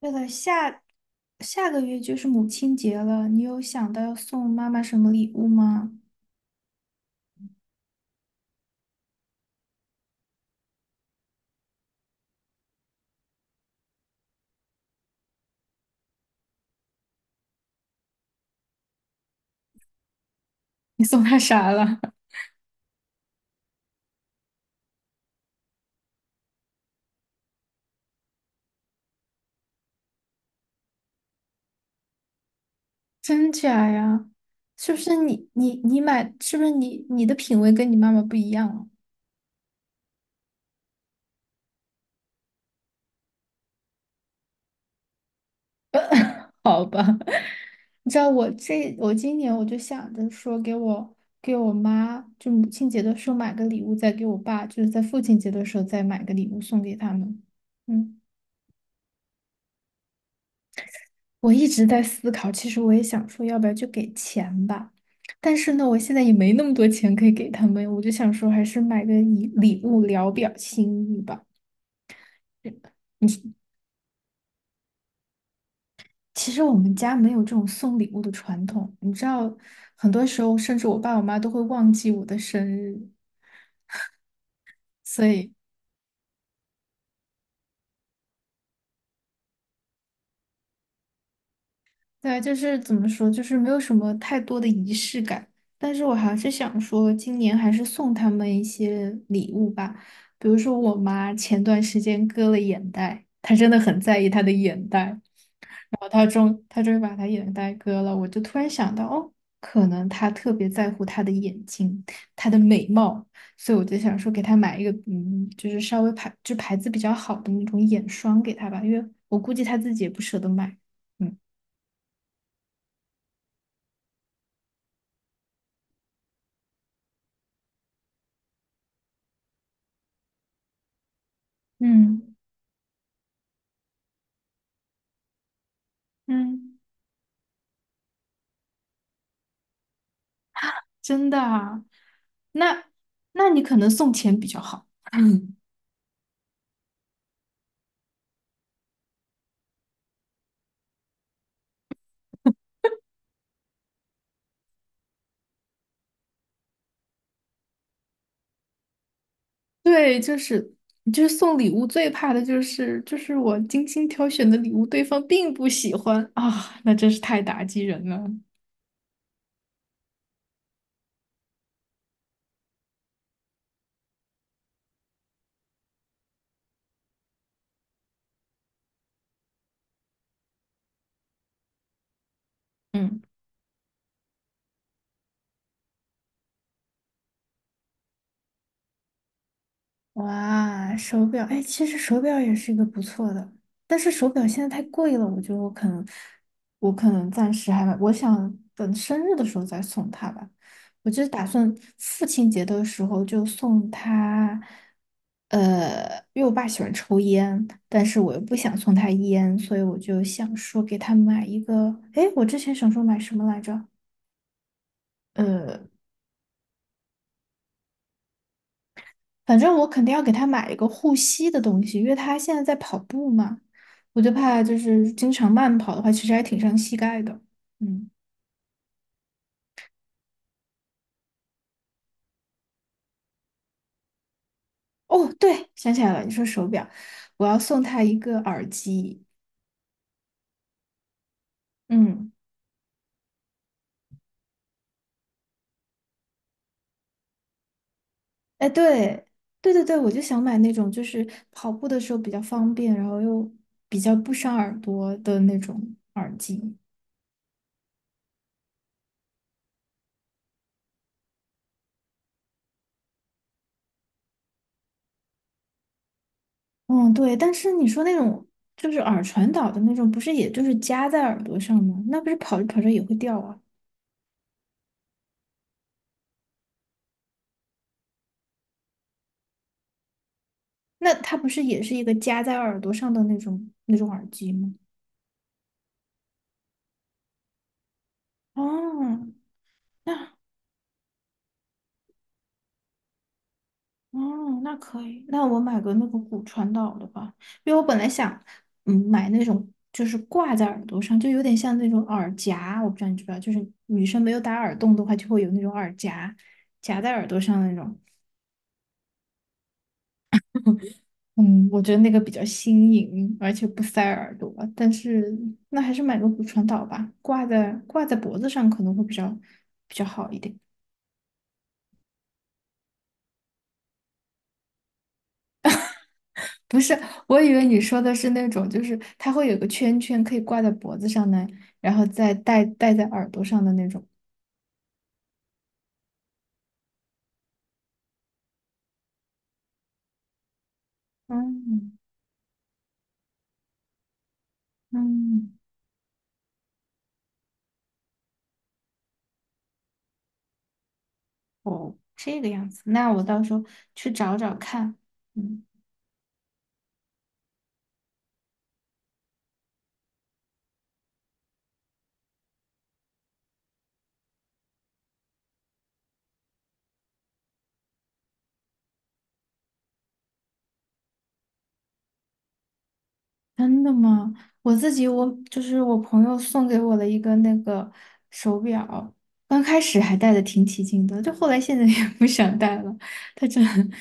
对了，下个月就是母亲节了，你有想到要送妈妈什么礼物吗？你送她啥了？真假呀？是不是你买？是不是你的品味跟你妈妈不一样啊？好吧，你知道我今年就想着说给我妈，就母亲节的时候买个礼物，再给我爸，就是在父亲节的时候再买个礼物送给他们。嗯。我一直在思考，其实我也想说，要不要就给钱吧？但是呢，我现在也没那么多钱可以给他们，我就想说，还是买个礼物聊表心意吧。嗯。你其实我们家没有这种送礼物的传统，你知道，很多时候甚至我爸我妈都会忘记我的生日，所以。对，就是怎么说，就是没有什么太多的仪式感，但是我还是想说，今年还是送他们一些礼物吧，比如说我妈前段时间割了眼袋，她真的很在意她的眼袋，然后她终于把她眼袋割了，我就突然想到，哦，可能她特别在乎她的眼睛，她的美貌，所以我就想说给她买一个，就是稍微牌子比较好的那种眼霜给她吧，因为我估计她自己也不舍得买，嗯。嗯。嗯，真的啊？那那你可能送钱比较好。对，就是送礼物最怕的就是我精心挑选的礼物，对方并不喜欢啊，那真是太打击人了。嗯。哇，手表，哎，其实手表也是一个不错的，但是手表现在太贵了，我觉得我可能暂时还，我想等生日的时候再送他吧。我就是打算父亲节的时候就送他，呃，因为我爸喜欢抽烟，但是我又不想送他烟，所以我就想说给他买一个，哎，我之前想说买什么来着？呃。反正我肯定要给他买一个护膝的东西，因为他现在在跑步嘛，我就怕就是经常慢跑的话，其实还挺伤膝盖的。嗯，哦，对，想起来了，你说手表，我要送他一个耳机。嗯，哎，对，对对对，我就想买那种就是跑步的时候比较方便，然后又比较不伤耳朵的那种耳机。嗯，对，但是你说那种就是耳传导的那种，不是也就是夹在耳朵上吗？那不是跑着跑着也会掉啊。那它不是也是一个夹在耳朵上的那种耳机吗？哦，那哦，那可以，那我买个那个骨传导的吧，因为我本来想，买那种就是挂在耳朵上，就有点像那种耳夹，我不知道你知不知道，就是女生没有打耳洞的话，就会有那种耳夹夹在耳朵上那种。嗯，我觉得那个比较新颖，而且不塞耳朵，但是那还是买个骨传导吧，挂在脖子上可能会比较好一点。不是，我以为你说的是那种，就是它会有个圈圈可以挂在脖子上的，然后再戴在耳朵上的那种。嗯。嗯，哦，这个样子，那我到时候去找找看。嗯。真的吗？我自己我就是我朋友送给我了一个那个手表，刚开始还戴的挺起劲的，就后来现在也不想戴了。它真的，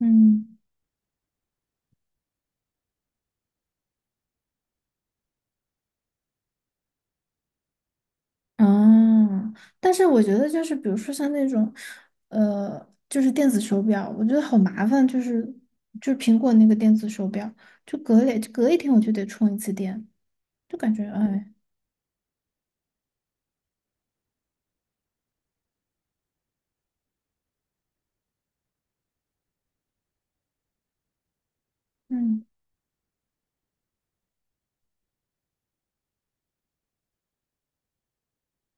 嗯。哦，但是我觉得就是，比如说像那种，就是电子手表，我觉得好麻烦，就是苹果那个电子手表，就隔一天我就得充一次电，就感觉哎，嗯。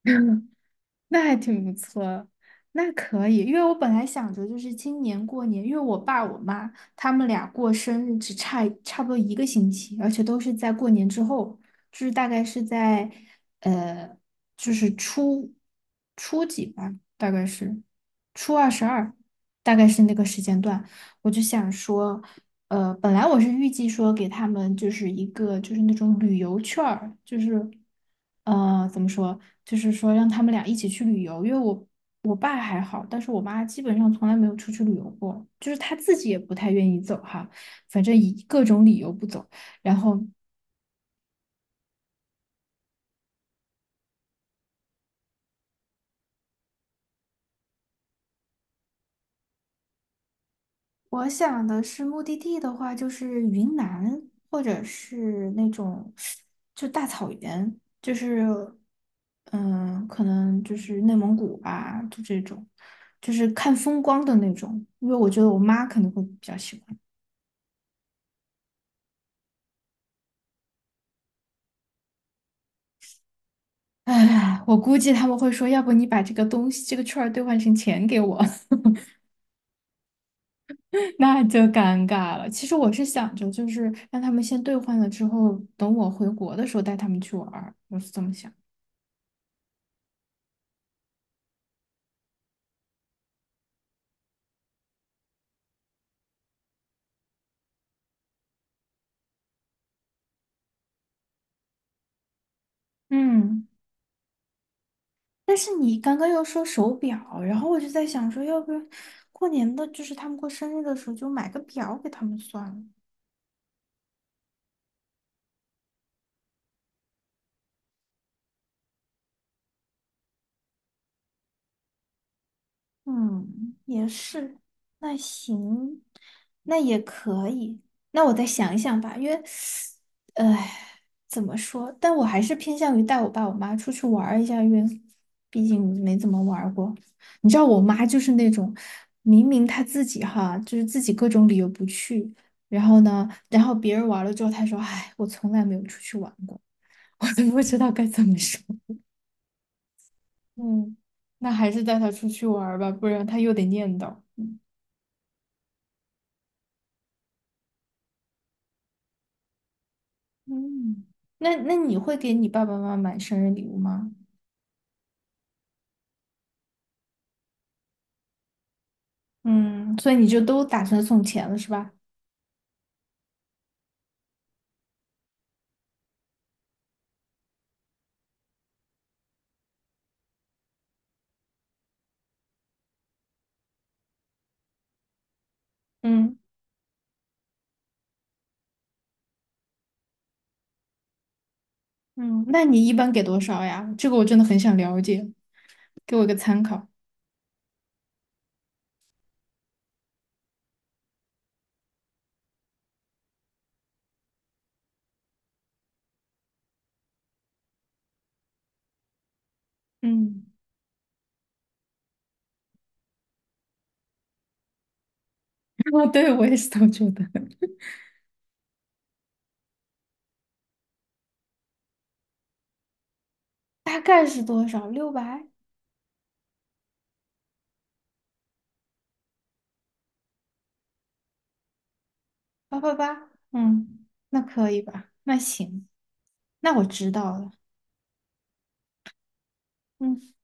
那还挺不错，那可以，因为我本来想着就是今年过年，因为我爸我妈他们俩过生日只差不多一个星期，而且都是在过年之后，就是大概是在呃，就是初几吧，大概是初二十二，大概是那个时间段。我就想说，本来我是预计说给他们就是一个就是那种旅游券儿，就是，怎么说，就是说让他们俩一起去旅游，因为我爸还好，但是我妈基本上从来没有出去旅游过，就是她自己也不太愿意走哈，反正以各种理由不走。然后我想的是目的地的话，就是云南，或者是那种就大草原，就是嗯，可能就是内蒙古吧，就这种，就是看风光的那种。因为我觉得我妈可能会比较喜欢。唉，我估计他们会说，要不你把这个东西这个券儿兑换成钱给我，那就尴尬了。其实我是想着，就是让他们先兑换了之后，等我回国的时候带他们去玩儿，我是这么想。嗯。但是你刚刚又说手表，然后我就在想说，要不要过年的，就是他们过生日的时候就买个表给他们算了。嗯，也是，那行，那也可以。那我再想一想吧，因为，唉，怎么说？但我还是偏向于带我爸我妈出去玩儿一下，因为毕竟没怎么玩儿过。你知道，我妈就是那种，明明她自己哈，就是自己各种理由不去，然后呢，然后别人玩了之后，她说：“唉，我从来没有出去玩过，我都不知道该怎么说。”嗯，那还是带她出去玩儿吧，不然她又得念叨。嗯。嗯那你会给你爸爸妈妈买生日礼物吗？嗯，所以你就都打算送钱了是吧？嗯。嗯，那你一般给多少呀？这个我真的很想了解，给我一个参考。嗯，哦，对，我也是这么觉得。大概是多少？600？888？嗯，那可以吧？那行，那我知道了。嗯。